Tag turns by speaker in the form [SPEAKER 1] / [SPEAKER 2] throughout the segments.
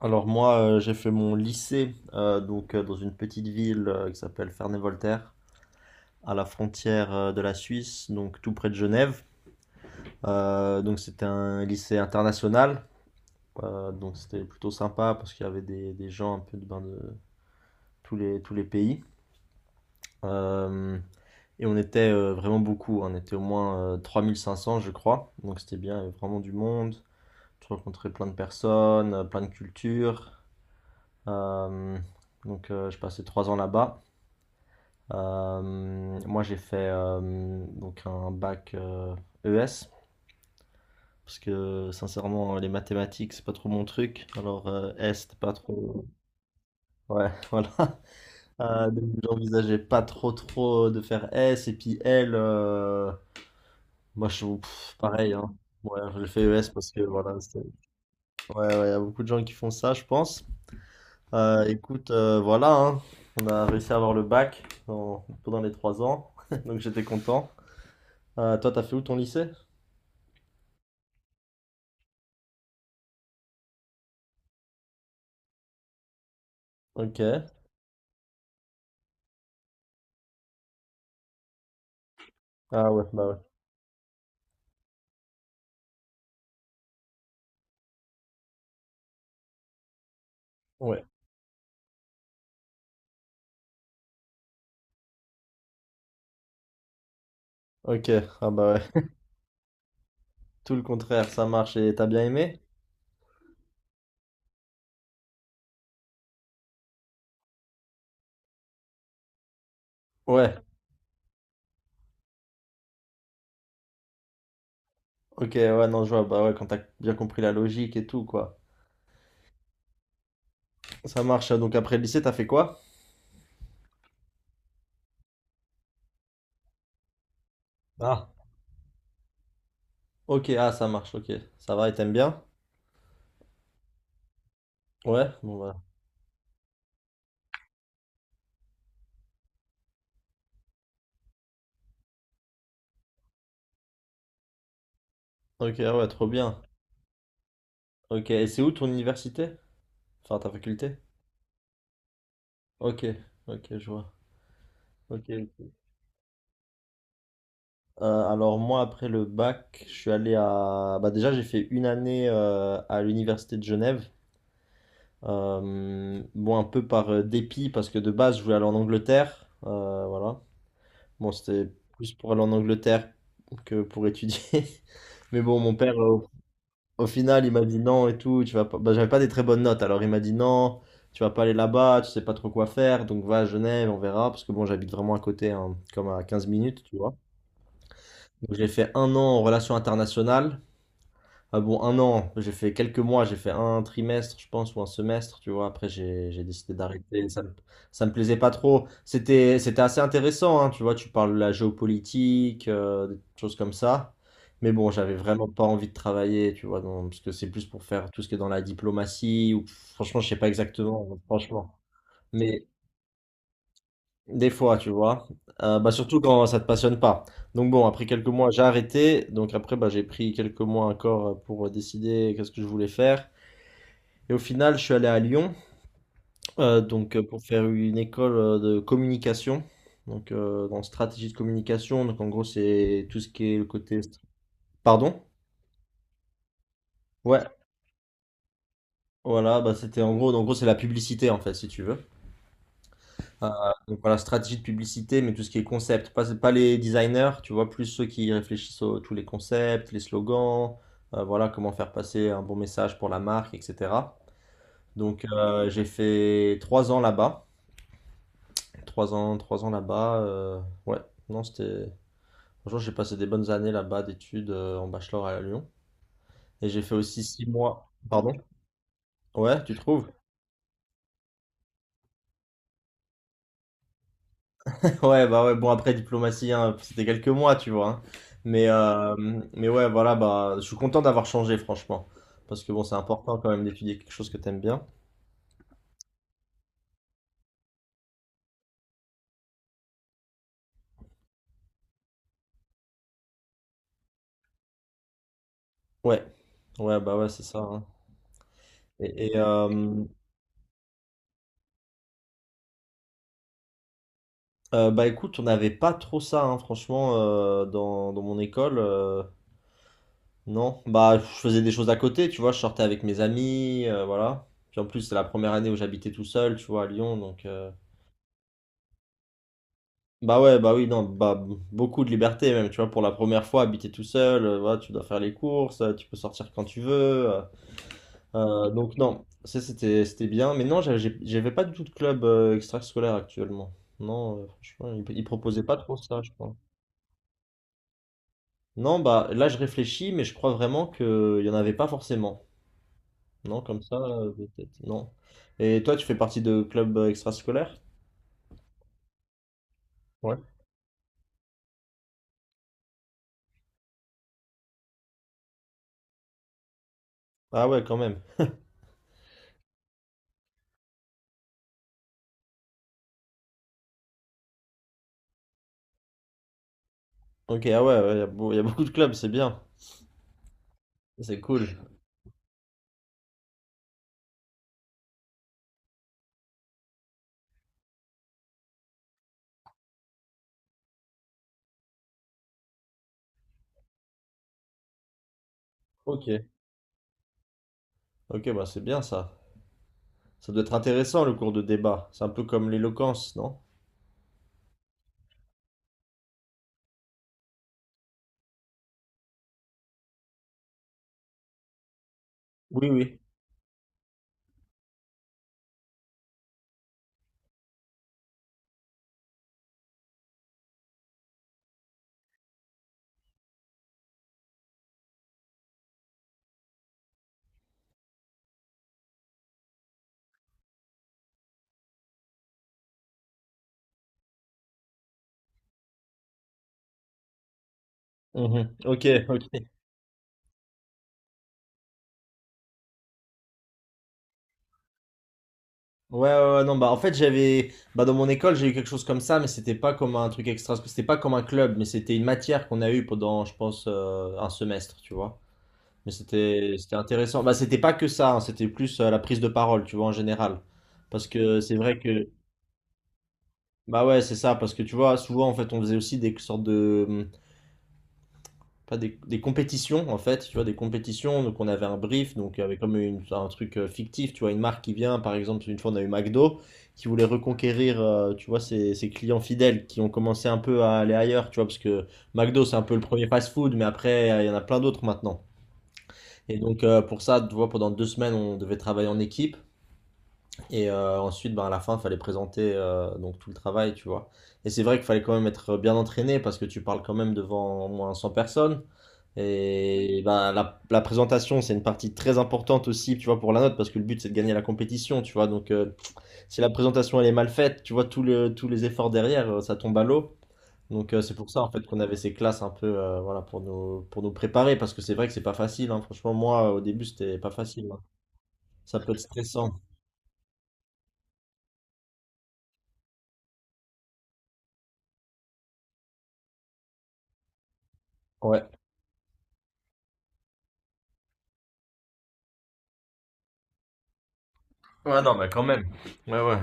[SPEAKER 1] Alors moi, j'ai fait mon lycée donc dans une petite ville qui s'appelle Ferney-Voltaire, à la frontière de la Suisse, donc tout près de Genève. Donc c'était un lycée international. Donc c'était plutôt sympa parce qu'il y avait des gens un peu de, ben, de tous les pays. Euh, et on était vraiment beaucoup, hein. On était au moins 3500, je crois, donc c'était bien, il y avait vraiment du monde, tu rencontrais plein de personnes, plein de cultures. Euh, donc je passais 3 ans là-bas. Moi, j'ai fait donc un bac ES parce que sincèrement, les mathématiques, c'est pas trop mon truc. Alors, S, c'était pas trop. Ouais, voilà. Donc, j'envisageais pas trop trop de faire S et puis L. Moi, je pareil. Hein. Ouais, j'ai fait ES parce que voilà. Ouais, ouais, il y a beaucoup de gens qui font ça, je pense. Écoute, voilà. Hein. On a réussi à avoir le bac pendant les 3 ans, donc j'étais content. Toi, t'as fait où ton lycée? Ok. Ah ouais, bah ouais. Ouais. Ok, ah bah ouais. Tout le contraire, ça marche et t'as bien aimé? Ouais. Ok, ouais, non, je vois. Bah ouais, quand t'as bien compris la logique et tout, quoi. Ça marche. Donc après le lycée, t'as fait quoi? Ah, ok, ah, ça marche, ok. Ça va et t'aimes bien? Ouais, bon bah. Ok, ah ouais, trop bien. Ok, et c'est où ton université? Enfin, ta faculté? Ok, ok, je vois. Ok, ok. Alors moi, après le bac, je suis allé à... Bah déjà, j'ai fait une année à l'université de Genève. Bon, un peu par dépit, parce que de base, je voulais aller en Angleterre. Voilà. Bon, c'était plus pour aller en Angleterre que pour étudier. Mais bon, mon père, au final, il m'a dit non et tout. Tu vas pas... bah, j'avais pas des très bonnes notes. Alors, il m'a dit non, tu vas pas aller là-bas, tu sais pas trop quoi faire. Donc, va à Genève, on verra. Parce que bon, j'habite vraiment à côté, hein, comme à 15 minutes, tu vois. Donc, j'ai fait un an en relations internationales. Ah bon, un an, j'ai fait quelques mois, j'ai fait un trimestre, je pense, ou un semestre, tu vois. Après, j'ai décidé d'arrêter. Ça me plaisait pas trop. C'était assez intéressant, hein, tu vois. Tu parles de la géopolitique, des choses comme ça. Mais bon, j'avais vraiment pas envie de travailler, tu vois, parce que c'est plus pour faire tout ce qui est dans la diplomatie, ou franchement, je sais pas exactement, franchement. Mais des fois, tu vois. Bah, surtout quand ça te passionne pas. Donc bon, après quelques mois, j'ai arrêté. Donc après, bah, j'ai pris quelques mois encore pour décider qu'est-ce que je voulais faire. Et au final, je suis allé à Lyon, donc pour faire une école de communication. Donc dans stratégie de communication. Donc en gros, c'est tout ce qui est le côté. Pardon? Ouais. Voilà, bah c'était en gros c'est la publicité en fait, si tu veux. Euh, donc voilà, stratégie de publicité, mais tout ce qui est concept, pas les designers, tu vois, plus ceux qui réfléchissent à tous les concepts, les slogans, voilà, comment faire passer un bon message pour la marque, etc. Donc j'ai fait trois ans là-bas, ouais, non, c'était, franchement, j'ai passé des bonnes années là-bas d'études en bachelor à Lyon, et j'ai fait aussi 6 mois, pardon, ouais, tu trouves? Ouais, bah ouais, bon après diplomatie, hein, c'était quelques mois, tu vois. Hein. Mais, euh, mais ouais, voilà, bah je suis content d'avoir changé, franchement. Parce que bon, c'est important quand même d'étudier quelque chose que t'aimes bien. Ouais, ouais, bah ouais, c'est ça. Hein. Et, et, euh, bah écoute, on n'avait pas trop ça, hein, franchement, dans mon école. Non, bah je faisais des choses à côté, tu vois, je sortais avec mes amis, voilà. Puis en plus, c'est la première année où j'habitais tout seul, tu vois, à Lyon, donc... Bah ouais, bah oui, non, bah beaucoup de liberté même, tu vois, pour la première fois, habiter tout seul, voilà, tu dois faire les courses, tu peux sortir quand tu veux. euh, donc non, ça c'était bien, mais non, j'avais pas du tout de club extrascolaire actuellement. Non, franchement, ils proposaient pas trop ça, je crois. Non, bah là je réfléchis, mais je crois vraiment que il y en avait pas forcément. Non, comme ça, de tête, non. Et toi, tu fais partie de club extrascolaire? Ouais. Ah ouais, quand même. Ok, ah ouais, il y a y a beaucoup de clubs, c'est bien, c'est cool. Ok. Ok, bah c'est bien ça. Ça doit être intéressant le cours de débat. C'est un peu comme l'éloquence, non? Oui, oui. Mhm. Ok, ok. Ouais, ouais, ouais, non, bah en fait j'avais, bah dans mon école j'ai eu quelque chose comme ça, mais c'était pas comme un truc extra, c'était pas comme un club, mais c'était une matière qu'on a eue pendant, je pense, un semestre, tu vois. Mais c'était intéressant. Bah c'était pas que ça, hein, c'était plus la prise de parole, tu vois, en général. Parce que c'est vrai que, bah ouais, c'est ça, parce que tu vois, souvent en fait on faisait aussi des sortes de, pas des compétitions en fait, tu vois, des compétitions. Donc on avait un brief, donc avec comme un truc fictif, tu vois, une marque qui vient, par exemple, une fois on a eu McDo qui voulait reconquérir, tu vois, ses clients fidèles qui ont commencé un peu à aller ailleurs, tu vois, parce que McDo c'est un peu le premier fast-food, mais après il y en a plein d'autres maintenant. Et donc pour ça, tu vois, pendant 2 semaines on devait travailler en équipe et ensuite, ben, à la fin, il fallait présenter donc tout le travail, tu vois. Et c'est vrai qu'il fallait quand même être bien entraîné parce que tu parles quand même devant au moins 100 personnes. Et ben, la présentation, c'est une partie très importante aussi, tu vois, pour la note, parce que le but, c'est de gagner la compétition, tu vois. Donc, si la présentation, elle est mal faite, tu vois, tous les efforts derrière, ça tombe à l'eau. Donc, c'est pour ça, en fait, qu'on avait ces classes un peu, voilà, pour nous préparer, parce que c'est vrai que c'est pas facile, hein. Franchement, moi, au début, c'était pas facile, hein. Ça peut être stressant. Ouais. Ouais, non, mais quand même. Ouais, ouais.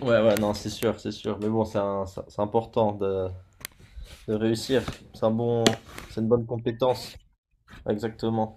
[SPEAKER 1] Ouais, ouais, non, c'est sûr, c'est sûr. Mais bon, c'est un- c'est important de réussir. C'est un bon, c'est une bonne compétence. Exactement.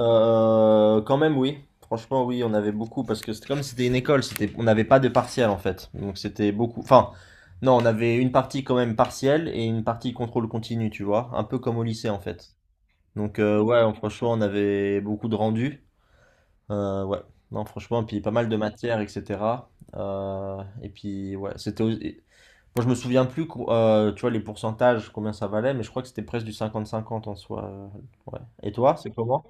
[SPEAKER 1] Quand même, oui. Franchement, oui, on avait beaucoup parce que c'était comme si c'était une école, c'était, on n'avait pas de partiel en fait. Donc c'était beaucoup. Enfin, non, on avait une partie quand même partielle et une partie contrôle continu, tu vois, un peu comme au lycée en fait. Donc ouais, franchement, on avait beaucoup de rendus. Ouais, non, franchement, puis pas mal de matières, etc. Et puis ouais, c'était. Moi, je me souviens plus, tu vois, les pourcentages, combien ça valait, mais je crois que c'était presque du 50-50 en soi. Ouais. Et toi, c'est comment?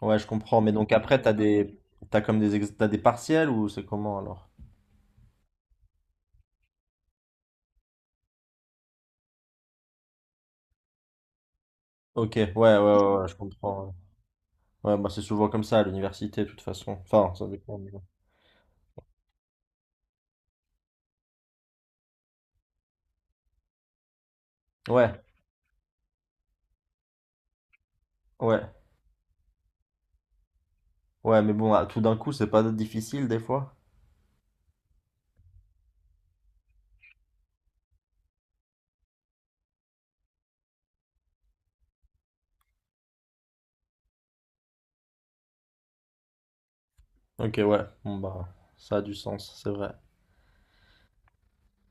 [SPEAKER 1] Ouais, je comprends. Mais donc après, t'as des partiels ou c'est comment alors? Ok, ouais, ouais, ouais, ouais, ouais, je comprends. Ouais, ouais, bah c'est souvent comme ça à l'université de toute façon. Enfin, ça dépend. Mais bon. Ouais, ouais, ouais, mais bon, ah, tout d'un coup, c'est pas difficile des fois. Ok, ouais, bon bah, ça a du sens, c'est vrai.